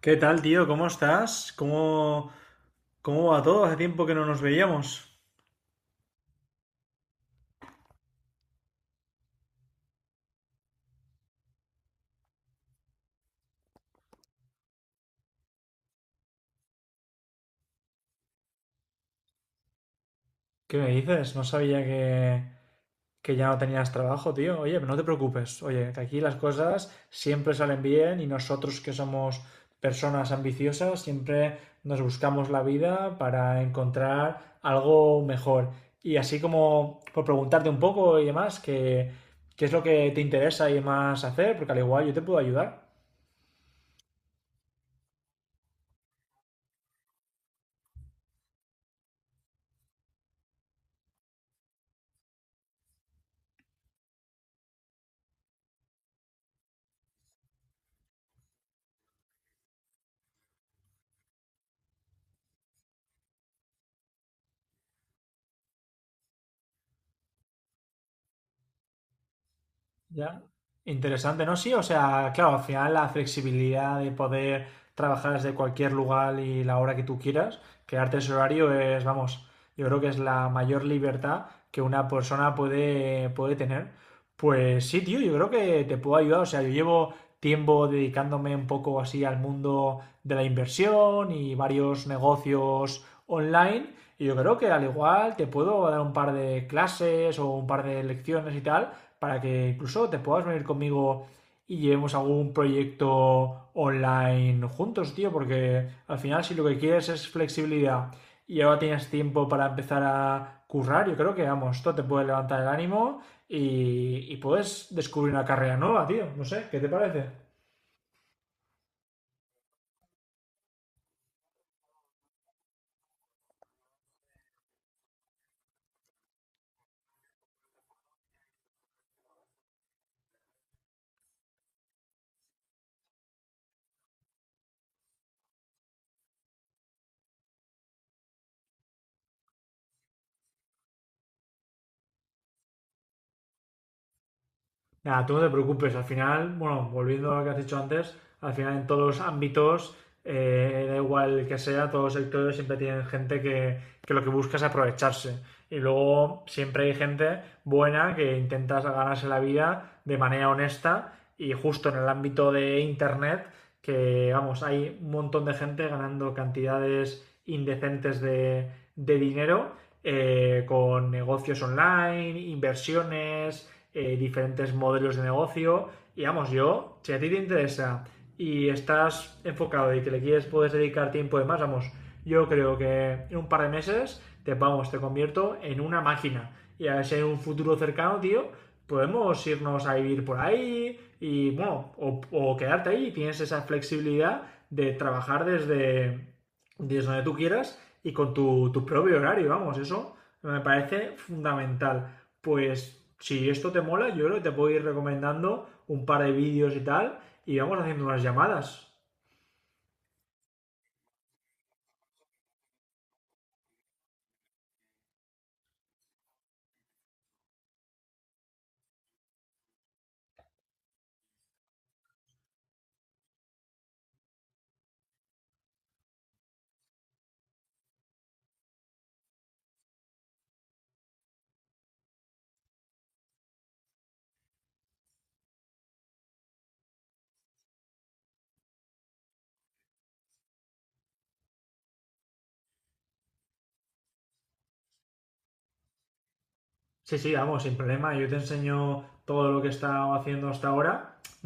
¿Qué tal, tío? ¿Cómo estás? ¿Cómo va todo? Hace tiempo que no nos veíamos. ¿Qué me dices? No sabía que ya no tenías trabajo, tío. Oye, pero no te preocupes. Oye, que aquí las cosas siempre salen bien y nosotros que somos personas ambiciosas siempre nos buscamos la vida para encontrar algo mejor. Y así como por preguntarte un poco y demás, que, ¿qué es lo que te interesa y demás hacer? Porque al igual yo te puedo ayudar. Ya, interesante, ¿no? Sí, o sea, claro, al final la flexibilidad de poder trabajar desde cualquier lugar y la hora que tú quieras, crearte ese horario es, vamos, yo creo que es la mayor libertad que una persona puede tener. Pues sí, tío, yo creo que te puedo ayudar, o sea, yo llevo tiempo dedicándome un poco así al mundo de la inversión y varios negocios online. Y yo creo que al igual te puedo dar un par de clases o un par de lecciones y tal para que incluso te puedas venir conmigo y llevemos algún proyecto online juntos, tío, porque al final si lo que quieres es flexibilidad y ahora tienes tiempo para empezar a currar, yo creo que, vamos, esto te puede levantar el ánimo y puedes descubrir una carrera nueva, tío. No sé, ¿qué te parece? Nada, tú no te preocupes, al final, bueno, volviendo a lo que has dicho antes, al final en todos los ámbitos, da igual que sea, todos los sectores siempre tienen gente que lo que busca es aprovecharse. Y luego siempre hay gente buena que intenta ganarse la vida de manera honesta y justo en el ámbito de Internet, que vamos, hay un montón de gente ganando cantidades indecentes de dinero con negocios online, inversiones, diferentes modelos de negocio. Y vamos, yo, si a ti te interesa y estás enfocado y que le quieres, puedes dedicar tiempo de más, vamos, yo creo que en un par de meses te vamos, te convierto en una máquina. Y a ver si en un futuro cercano, tío, podemos irnos a vivir por ahí y, bueno, o quedarte ahí y tienes esa flexibilidad de trabajar desde donde tú quieras y con tu propio horario, vamos, eso me parece fundamental. Pues si esto te mola, yo creo que te puedo ir recomendando un par de vídeos y tal, y vamos haciendo unas llamadas. Sí, sí, vamos, sin problema. Yo te enseño todo lo que he estado haciendo hasta ahora,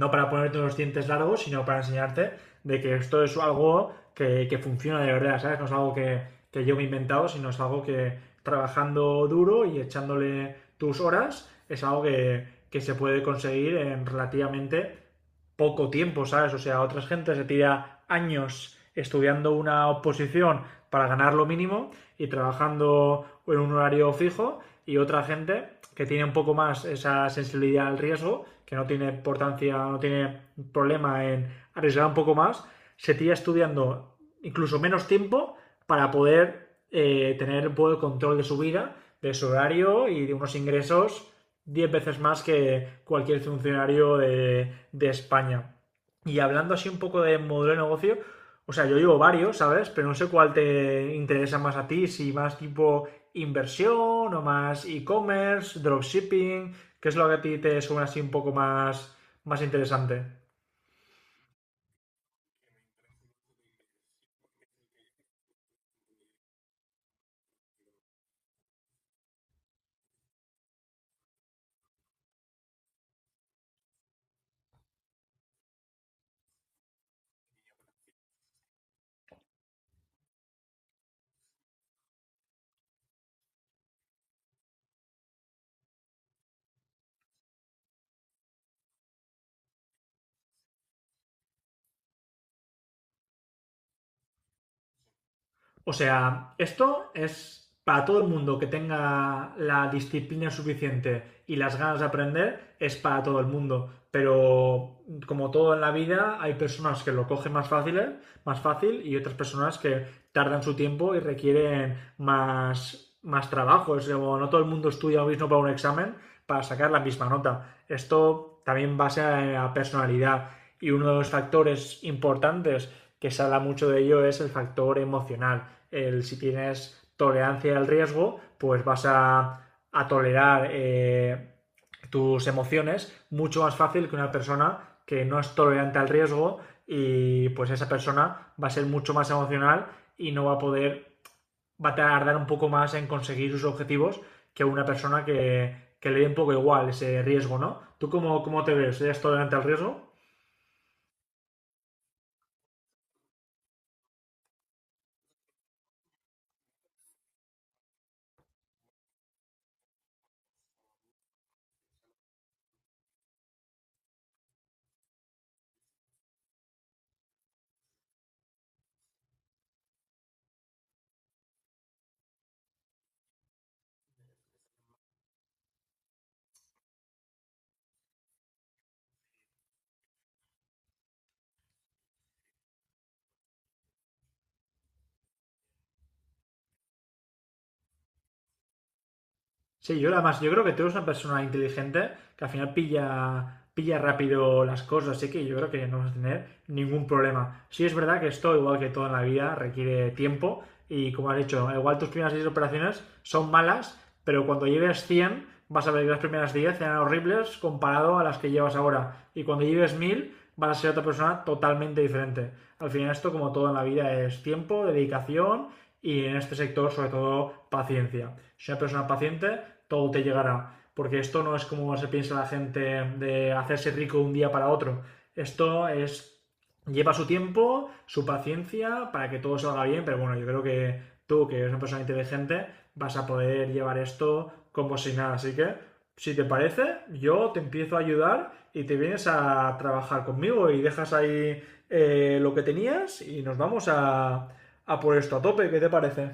no para ponerte unos dientes largos, sino para enseñarte de que esto es algo que funciona de verdad, ¿sabes? No es algo que yo me he inventado, sino es algo que trabajando duro y echándole tus horas, es algo que se puede conseguir en relativamente poco tiempo, ¿sabes? O sea, otras gente se tira años estudiando una oposición para ganar lo mínimo y trabajando en un horario fijo y otra gente que tiene un poco más esa sensibilidad al riesgo, que no tiene importancia, no tiene problema en arriesgar un poco más, se tira estudiando incluso menos tiempo para poder tener un poco el control de su vida, de su horario y de unos ingresos 10 veces más que cualquier funcionario de España. Y hablando así un poco de modelo de negocio, o sea, yo digo varios, ¿sabes? Pero no sé cuál te interesa más a ti, si más tipo inversión o más e-commerce, ¿dropshipping? ¿Qué es lo que a ti te suena así un poco más interesante? O sea, esto es para todo el mundo que tenga la disciplina suficiente y las ganas de aprender, es para todo el mundo. Pero como todo en la vida, hay personas que lo cogen más fácil y otras personas que tardan su tiempo y requieren más trabajo. Es como no todo el mundo estudia lo mismo para un examen para sacar la misma nota. Esto también va a ser a personalidad y uno de los factores importantes que se habla mucho de ello es el factor emocional. El, si tienes tolerancia al riesgo, pues vas a tolerar tus emociones mucho más fácil que una persona que no es tolerante al riesgo y pues esa persona va a ser mucho más emocional y no va a poder, va a tardar un poco más en conseguir sus objetivos que una persona que le dé un poco igual ese riesgo, ¿no? ¿Tú cómo te ves? ¿Eres tolerante al riesgo? Sí, yo además, yo creo que tú eres una persona inteligente que al final pilla rápido las cosas, así que yo creo que no vas a tener ningún problema. Sí es verdad que esto, igual que todo en la vida, requiere tiempo y como has dicho, igual tus primeras 10 operaciones son malas, pero cuando lleves 100 vas a ver que las primeras 10 eran horribles comparado a las que llevas ahora y cuando lleves 1000 vas a ser otra persona totalmente diferente. Al final esto, como todo en la vida, es tiempo, dedicación y en este sector, sobre todo, paciencia. Si una persona paciente, todo te llegará, porque esto no es como se piensa la gente de hacerse rico un día para otro. Esto es lleva su tiempo, su paciencia para que todo salga bien, pero bueno, yo creo que tú, que eres una persona inteligente, vas a poder llevar esto como si nada. Así que, si te parece, yo te empiezo a ayudar y te vienes a trabajar conmigo y dejas ahí lo que tenías y nos vamos a por esto a tope. ¿Qué te parece?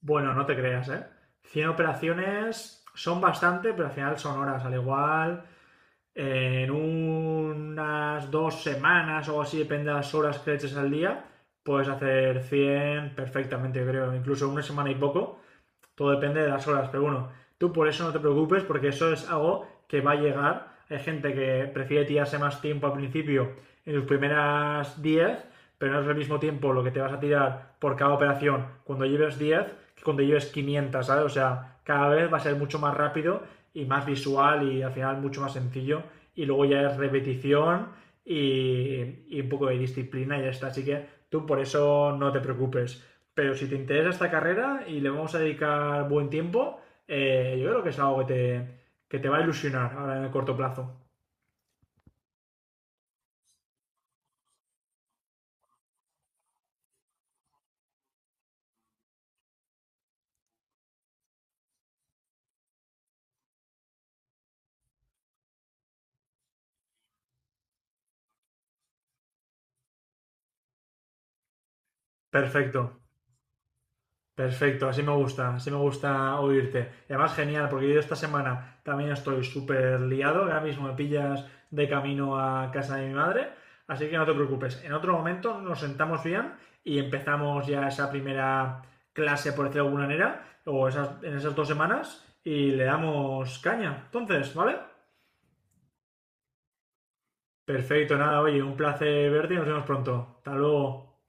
Bueno, no te creas, ¿eh? 100 operaciones son bastante, pero al final son horas. Al igual, en unas 2 semanas o así, depende de las horas que eches al día, puedes hacer 100 perfectamente, creo. Incluso una semana y poco todo depende de las horas, pero bueno, tú por eso no te preocupes porque eso es algo que va a llegar. Hay gente que prefiere tirarse más tiempo al principio en sus primeras 10, pero no es el mismo tiempo lo que te vas a tirar por cada operación cuando lleves 10, que cuando lleves 500, ¿sabes? O sea, cada vez va a ser mucho más rápido y más visual y al final mucho más sencillo. Y luego ya es repetición y un poco de disciplina y ya está. Así que tú por eso no te preocupes. Pero si te interesa esta carrera y le vamos a dedicar buen tiempo, yo creo que es algo que que te va a ilusionar ahora en el corto plazo. Perfecto, perfecto, así me gusta oírte. Y además genial, porque yo esta semana también estoy súper liado, ahora mismo me pillas de camino a casa de mi madre, así que no te preocupes, en otro momento nos sentamos bien y empezamos ya esa primera clase, por decirlo de alguna manera, o esas, en esas 2 semanas y le damos caña. Entonces, ¿vale? Perfecto, nada, oye, un placer verte y nos vemos pronto. Hasta luego.